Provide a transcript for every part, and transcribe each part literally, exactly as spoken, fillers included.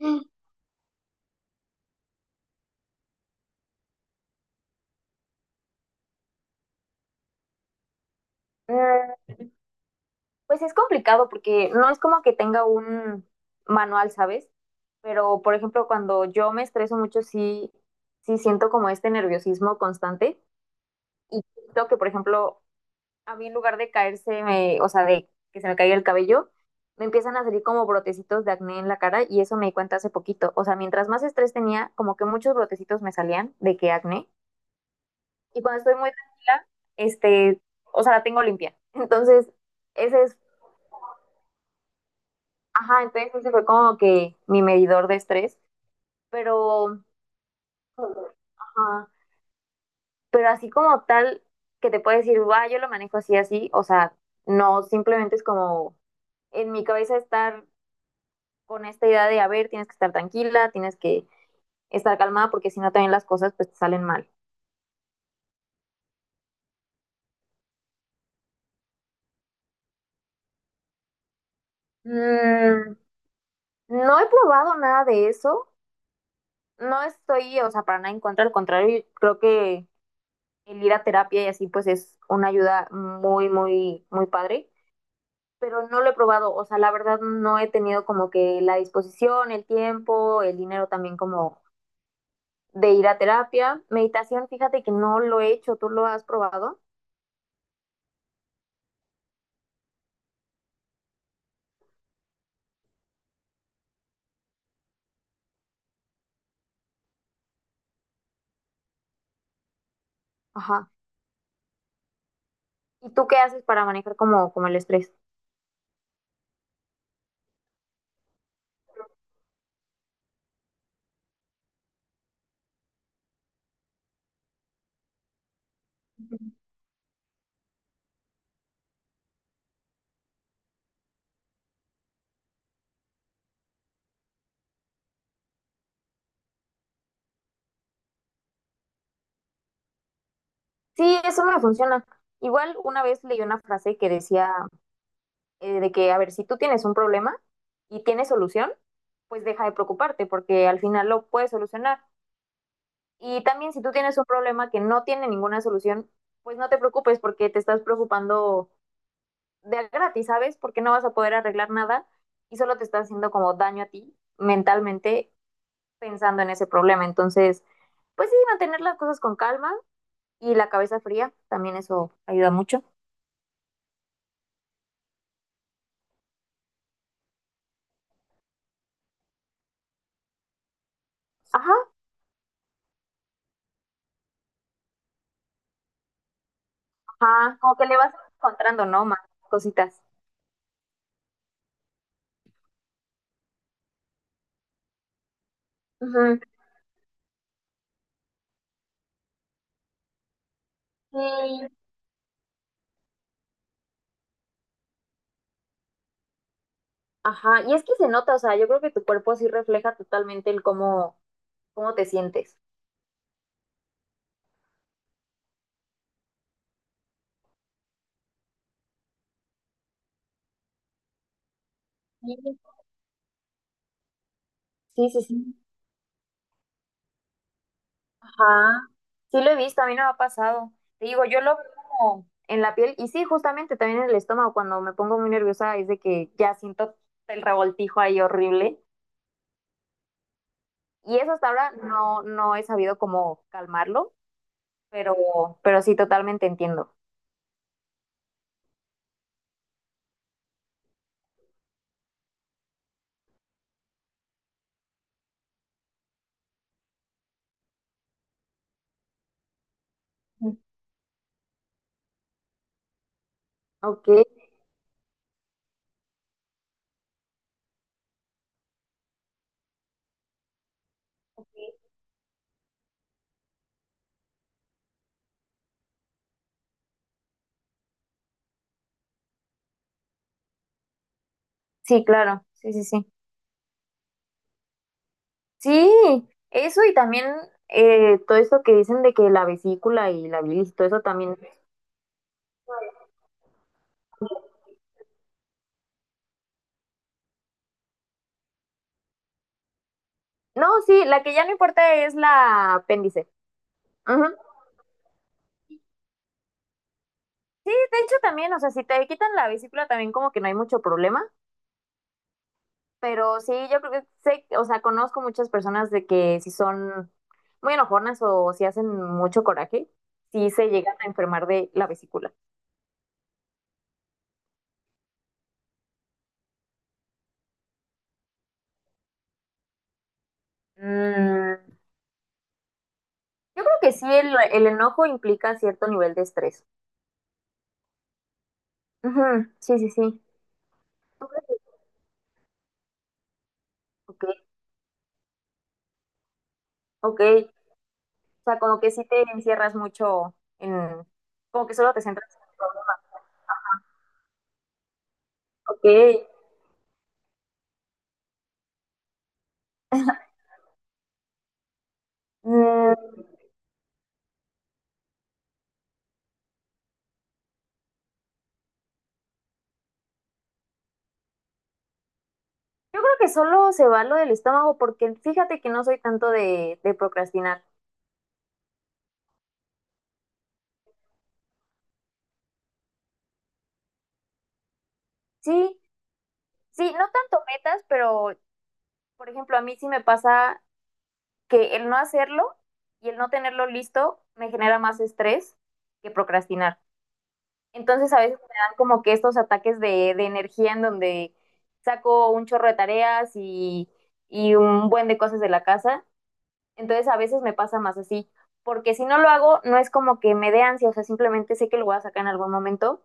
Mm. Pues es complicado porque no es como que tenga un manual, ¿sabes? Pero, por ejemplo, cuando yo me estreso mucho, sí, sí siento como este nerviosismo constante y siento que, por ejemplo, a mí en lugar de caerse, me- o sea, de que se me caiga el cabello, me empiezan a salir como brotecitos de acné en la cara y eso me di cuenta hace poquito. O sea, mientras más estrés tenía, como que muchos brotecitos me salían de que acné y cuando estoy muy tranquila, este, o sea, la tengo limpia. Entonces. Ese es Ajá, entonces ese fue como que mi medidor de estrés, pero, ajá, pero así como tal, que te puedo decir, va, yo lo manejo así, así, o sea, no, simplemente es como en mi cabeza estar con esta idea de, a ver, tienes que estar tranquila, tienes que estar calmada, porque si no también las cosas pues te salen mal. Mm, no he probado nada de eso, no estoy, o sea, para nada en contra, al contrario, creo que el ir a terapia y así pues es una ayuda muy, muy, muy padre, pero no lo he probado. O sea, la verdad no he tenido como que la disposición, el tiempo, el dinero también como de ir a terapia. Meditación, fíjate que no lo he hecho, ¿tú lo has probado? Ajá. ¿Y tú qué haces para manejar como, como el estrés? Sí, eso me funciona. Igual una vez leí una frase que decía eh, de que, a ver, si tú tienes un problema y tienes solución, pues deja de preocuparte porque al final lo puedes solucionar. Y también si tú tienes un problema que no tiene ninguna solución, pues no te preocupes porque te estás preocupando de a gratis, ¿sabes? Porque no vas a poder arreglar nada y solo te estás haciendo como daño a ti mentalmente pensando en ese problema. Entonces, pues sí, mantener las cosas con calma y la cabeza fría, también eso ayuda mucho. Ajá, ajá, como que le vas encontrando, ¿no? Más cositas. Ujú. Sí. Ajá, y es que se nota, o sea, yo creo que tu cuerpo sí refleja totalmente el cómo, cómo te sientes. Sí, sí, sí. Ajá. Sí lo he visto, a mí no me ha pasado. Te digo, yo lo veo como en la piel y sí, justamente también en el estómago cuando me pongo muy nerviosa es de que ya siento el revoltijo ahí horrible y eso hasta ahora no no he sabido cómo calmarlo, pero pero sí totalmente entiendo. Mm. Ok. Sí, claro. Sí, sí, sí. Sí, eso y también eh, todo esto que dicen de que la vesícula y la bilis, todo eso también. No, sí, la que ya no importa es la apéndice. Sí, de hecho también, o sea, si te quitan la vesícula también como que no hay mucho problema, pero sí, yo creo que sé, o sea, conozco muchas personas de que si son muy enojonas o si hacen mucho coraje, sí se llegan a enfermar de la vesícula. Mm, yo creo que sí, el, el enojo implica cierto nivel de estrés. Ujú, sí, sí, sí. Ok, ok. O sea, como que sí te encierras mucho en, como que solo te centras en el problema. Ok. Mm. Yo creo que solo se va lo del estómago porque fíjate que no soy tanto de, de procrastinar. Sí, sí, no tanto metas, pero por ejemplo, a mí sí me pasa que el no hacerlo y el no tenerlo listo me genera más estrés que procrastinar. Entonces a veces me dan como que estos ataques de, de energía en donde saco un chorro de tareas y, y un buen de cosas de la casa. Entonces a veces me pasa más así, porque si no lo hago, no es como que me dé ansia, o sea, simplemente sé que lo voy a sacar en algún momento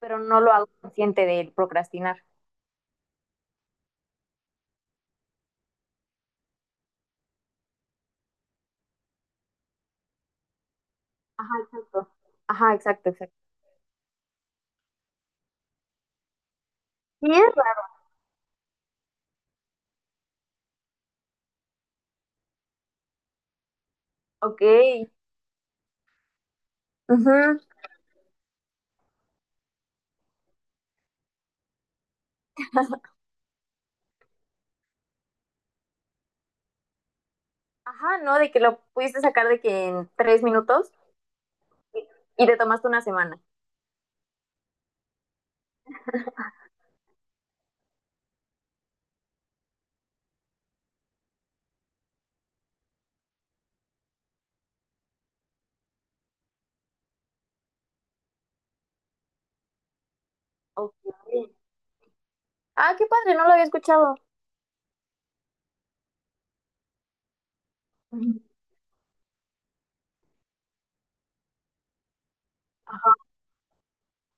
pero no lo hago consciente del procrastinar. Ajá, exacto. Ajá, exacto, exacto. Cierto. Ok. Ujú. Ajá, ¿no? De que lo pudiste sacar de que en tres minutos y y te tomaste una semana. Ok. Ah, qué padre, no lo había escuchado. Ujú. Ajá.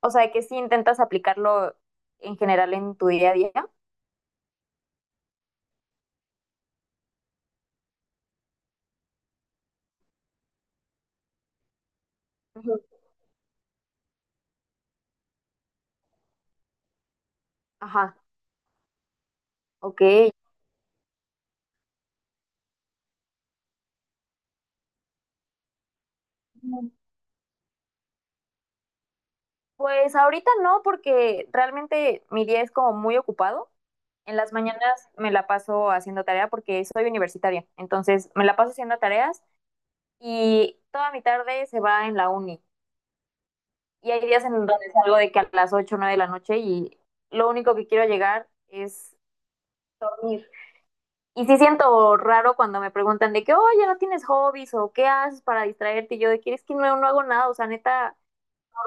O sea, que sí intentas aplicarlo en general en tu día a día. Ujú. Ajá, ok. Pues ahorita no, porque realmente mi día es como muy ocupado. En las mañanas me la paso haciendo tarea porque soy universitaria, entonces me la paso haciendo tareas y toda mi tarde se va en la uni. Y hay días en donde salgo de que a las ocho o nueve de la noche y lo único que quiero llegar es dormir. Y sí siento raro cuando me preguntan de que, oye, ¿no tienes hobbies o qué haces para distraerte? Y yo de que es que no, no hago nada, o sea, neta,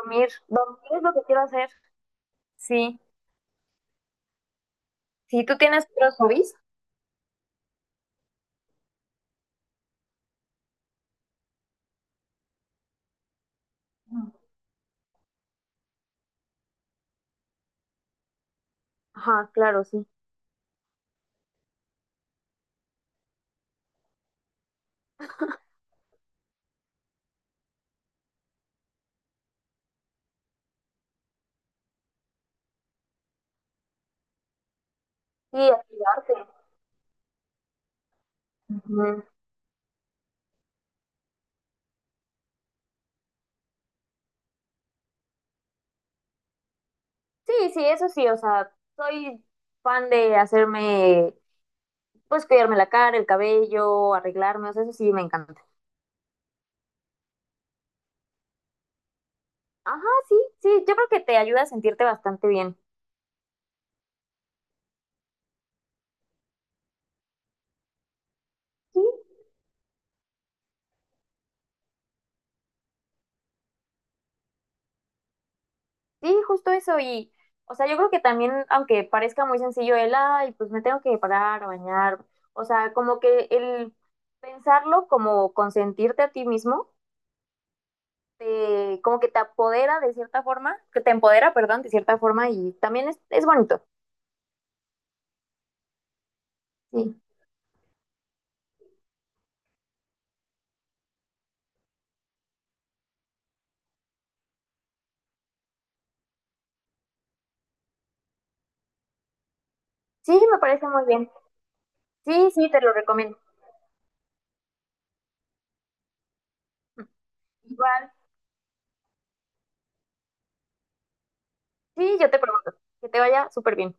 dormir, dormir es lo que quiero hacer. Sí. Sí, ¿tú tienes otros hobbies? Ajá, claro, sí. Y activarte. Ujú. Sí, sí, eso sí, o sea, soy fan de hacerme, pues cuidarme la cara, el cabello, arreglarme, o sea, eso sí me encanta. Ajá, sí, sí, yo creo que te ayuda a sentirte bastante bien. Sí, sí, justo eso. Y, o sea, yo creo que también, aunque parezca muy sencillo el, ay, pues me tengo que parar a bañar, o sea, como que el pensarlo como consentirte a ti mismo te, como que te apodera de cierta forma, que te empodera, perdón, de cierta forma y también es, es bonito. Sí. Sí, me parece muy bien. Sí, sí, te lo recomiendo. Igual, sí, yo te pregunto, que te vaya súper bien.